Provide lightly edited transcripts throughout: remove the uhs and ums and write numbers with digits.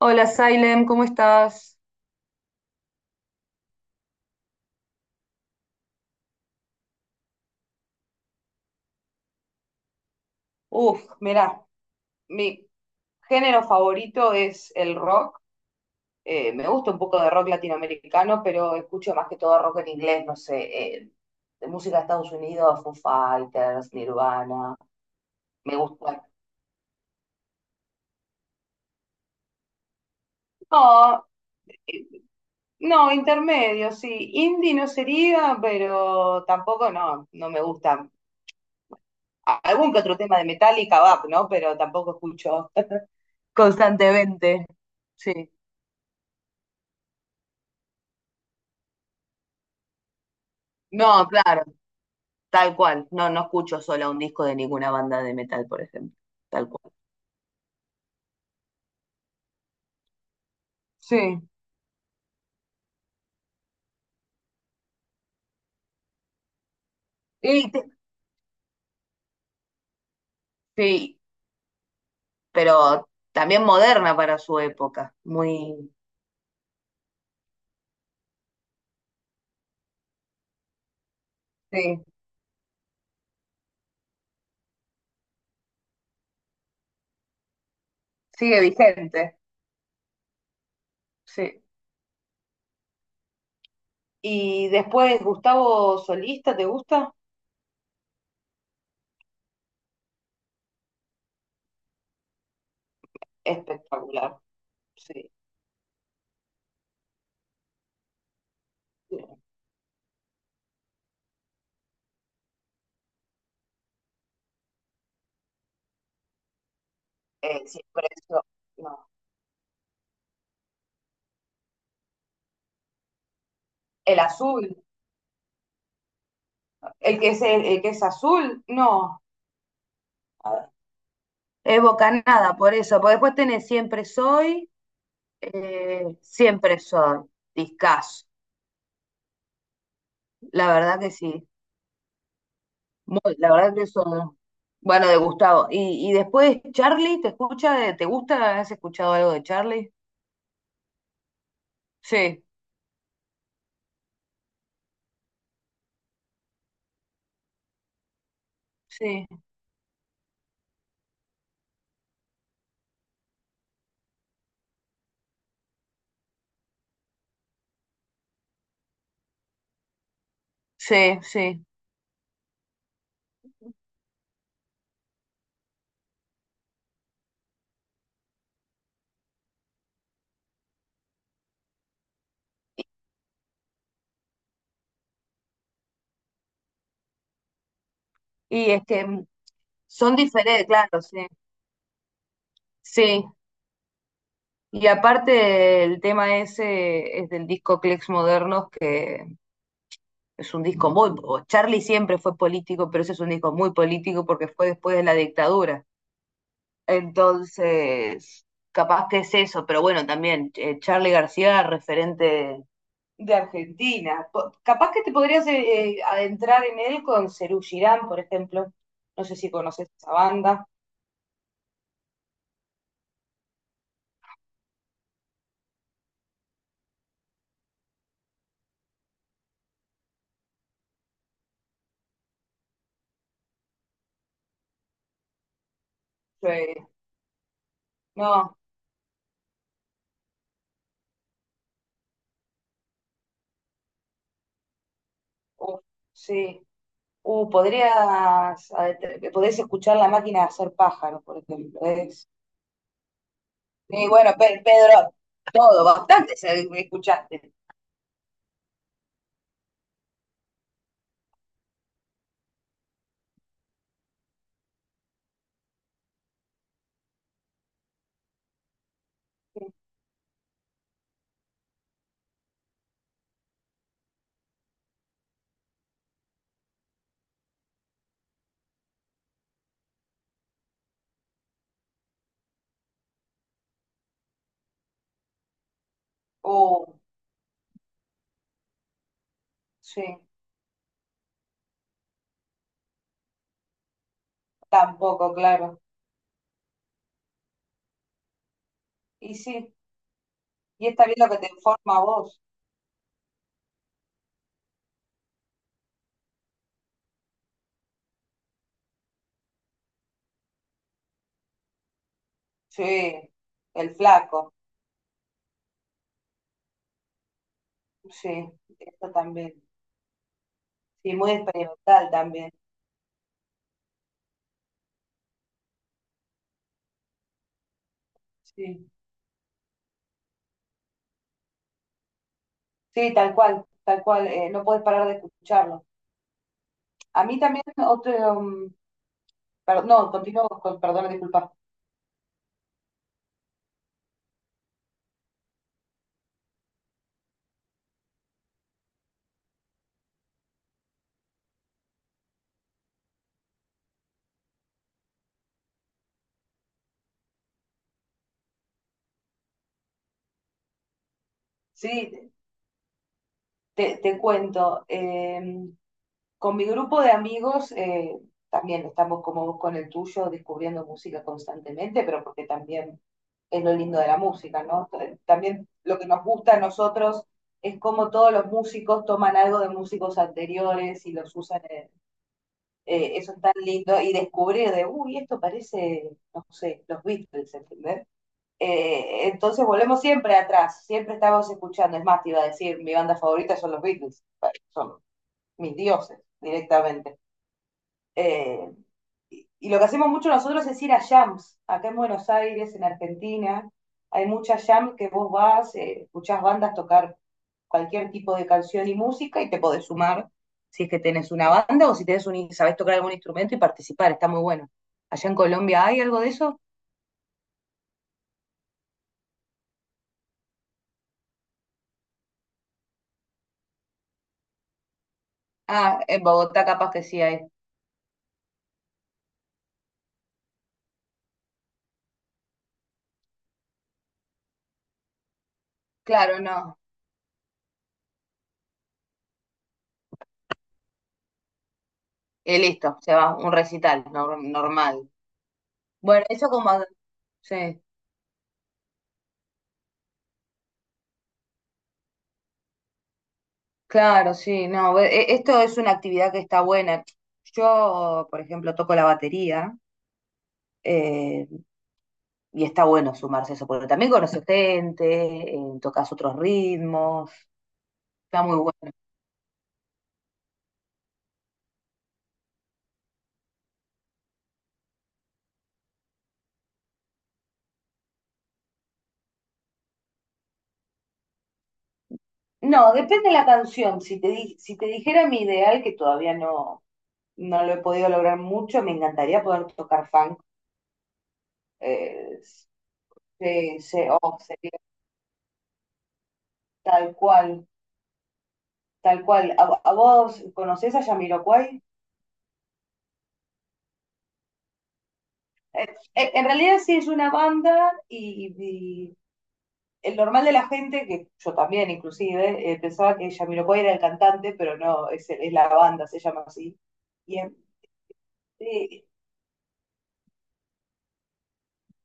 Hola, Salem, ¿cómo estás? Uf, mirá, mi género favorito es el rock. Me gusta un poco de rock latinoamericano, pero escucho más que todo rock en inglés, no sé, de música de Estados Unidos, Foo Fighters, Nirvana. Me gusta. No, eh, no, intermedio, sí. Indie no sería, pero tampoco no, no me gusta. Algún que otro tema de Metallica, va, ¿no? Pero tampoco escucho. Constantemente, sí. No, claro. Tal cual, no, no escucho sola un disco de ninguna banda de metal, por ejemplo, tal cual. Sí. Y te- sí, pero también moderna para su época, muy... Sí, sigue vigente. Sí. Y después, Gustavo Solista, ¿te gusta? Espectacular. Sí. Siempre eso. No. El azul, el que es azul, no. Ah, es bocanada, por eso, porque después tenés Siempre Soy, Siempre Soy, discazo. La verdad que sí. La verdad que son. Bueno, de Gustavo. Y después, Charlie, ¿te escucha? ¿Te gusta? ¿Has escuchado algo de Charlie? Sí, sí, sí, sí. Y es que son diferentes, claro, sí. Sí. Y aparte, el tema ese es del disco Clex Modernos, que es un disco muy. O Charlie siempre fue político, pero ese es un disco muy político porque fue después de la dictadura. Entonces, capaz que es eso, pero bueno, también Charly García, referente de Argentina. Capaz que te podrías adentrar en él con Serú Girán, por ejemplo. No sé si conoces esa banda. Eh, no, uh, sí. Podrías, podés escuchar La Máquina de Hacer Pájaros, por ejemplo. Y bueno, Pedro, todo, escuchaste. Uh, sí, tampoco, claro. Y sí. Y está bien lo que te informa a vos. Sí, el flaco. Sí, eso también. Sí, muy experimental también. Sí, sí, tal cual, tal cual. No puedes parar de escucharlo. A mí también otro... no, continúo con, perdón, disculpa. Sí, te cuento, con mi grupo de amigos también estamos como vos con el tuyo descubriendo música constantemente, pero porque también es lo lindo de la música, ¿no? También lo que nos gusta a nosotros es cómo todos los músicos toman algo de músicos anteriores y los usan, eso es tan lindo, y descubrir de, uy, esto parece, no sé, los Beatles, ¿entendés? Entonces volvemos siempre atrás, siempre estábamos escuchando. Es más, te iba a decir, mi banda favorita son los Beatles, son mis dioses directamente. Eh, y lo que hacemos mucho nosotros es ir a jams, acá en Buenos Aires, en Argentina, hay muchas jams que vos vas, escuchás bandas tocar cualquier tipo de canción y música y te podés sumar si es que tenés una banda o si tenés un, sabés tocar algún instrumento y participar, está muy bueno. ¿Allá en Colombia hay algo de eso? Ah, en Bogotá capaz que sí hay. Claro, no, y listo, se va, un recital normal. Bueno, eso como, sí, claro, sí, no, esto es una actividad que está buena. Yo, por ejemplo, toco la batería eh, y está bueno sumarse a eso, porque también conoces gente, tocas otros ritmos, está muy bueno. No, depende de la canción. Si te, si te dijera mi ideal, que todavía no, no lo he podido lograr mucho, me encantaría poder tocar funk. eh, o sería tal cual. Tal cual. A vos conocés a Jamiroquai? En realidad sí es una banda y el normal de la gente, que yo también inclusive, pensaba que Jamiroquai era el cantante, pero no, es la banda, se llama así. Y es- eh,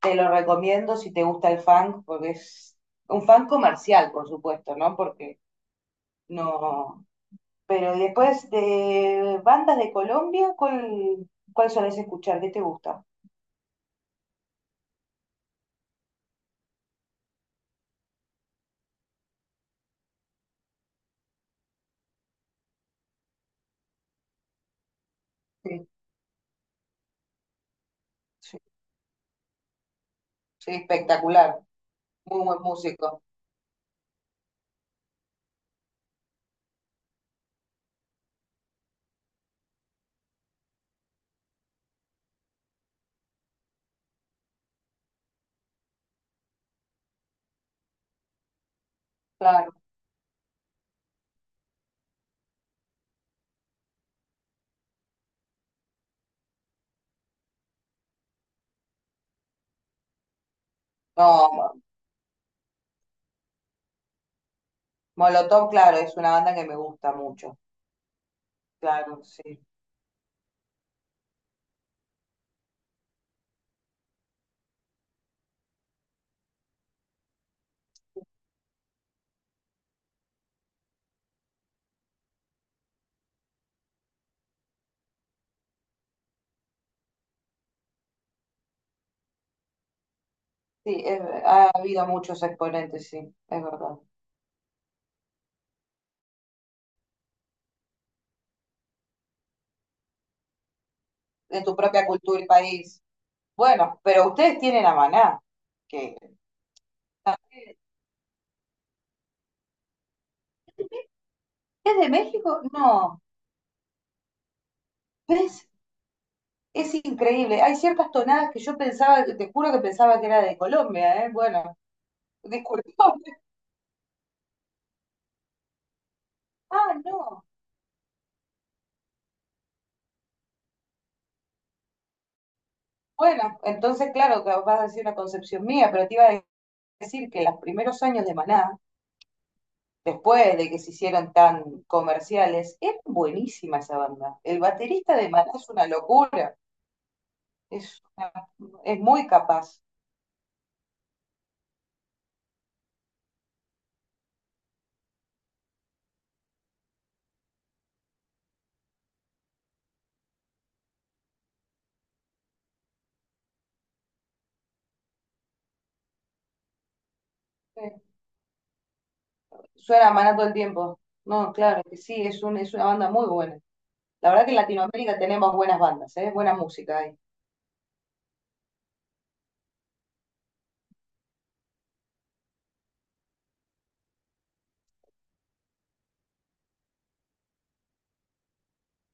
te lo recomiendo si te gusta el funk, porque es un funk comercial, por supuesto, ¿no? Porque no... Pero y después de bandas de Colombia, ¿cuál, cuál solés escuchar? ¿Qué te gusta? Sí, sí, sí, espectacular. Muy buen músico, claro. No, Molotov, claro, es una banda que me gusta mucho. Claro, sí. Sí, ha habido muchos exponentes, sí, es verdad. De tu propia cultura y país. Bueno, pero ustedes tienen a Maná, que es de México. No, ¿ves? Es increíble. Hay ciertas tonadas que yo pensaba, te juro que pensaba que era de Colombia, ¿eh? Bueno, disculpame. Ah, no. Bueno, entonces, claro, que vas a decir una concepción mía, pero te iba a decir que los primeros años de Maná, después de que se hicieron tan comerciales, es buenísima esa banda. El baterista de Maná es una locura, es, es muy capaz. Eh, Suena a Maná todo el tiempo. No, claro que sí, es, un, es una banda muy buena. La verdad que en Latinoamérica tenemos buenas bandas, ¿eh? Buena música ahí.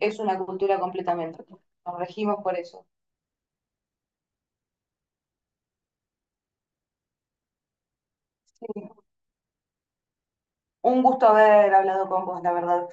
Es una cultura completamente. Nos regimos por eso. Sí. Un gusto haber hablado con vos, la verdad.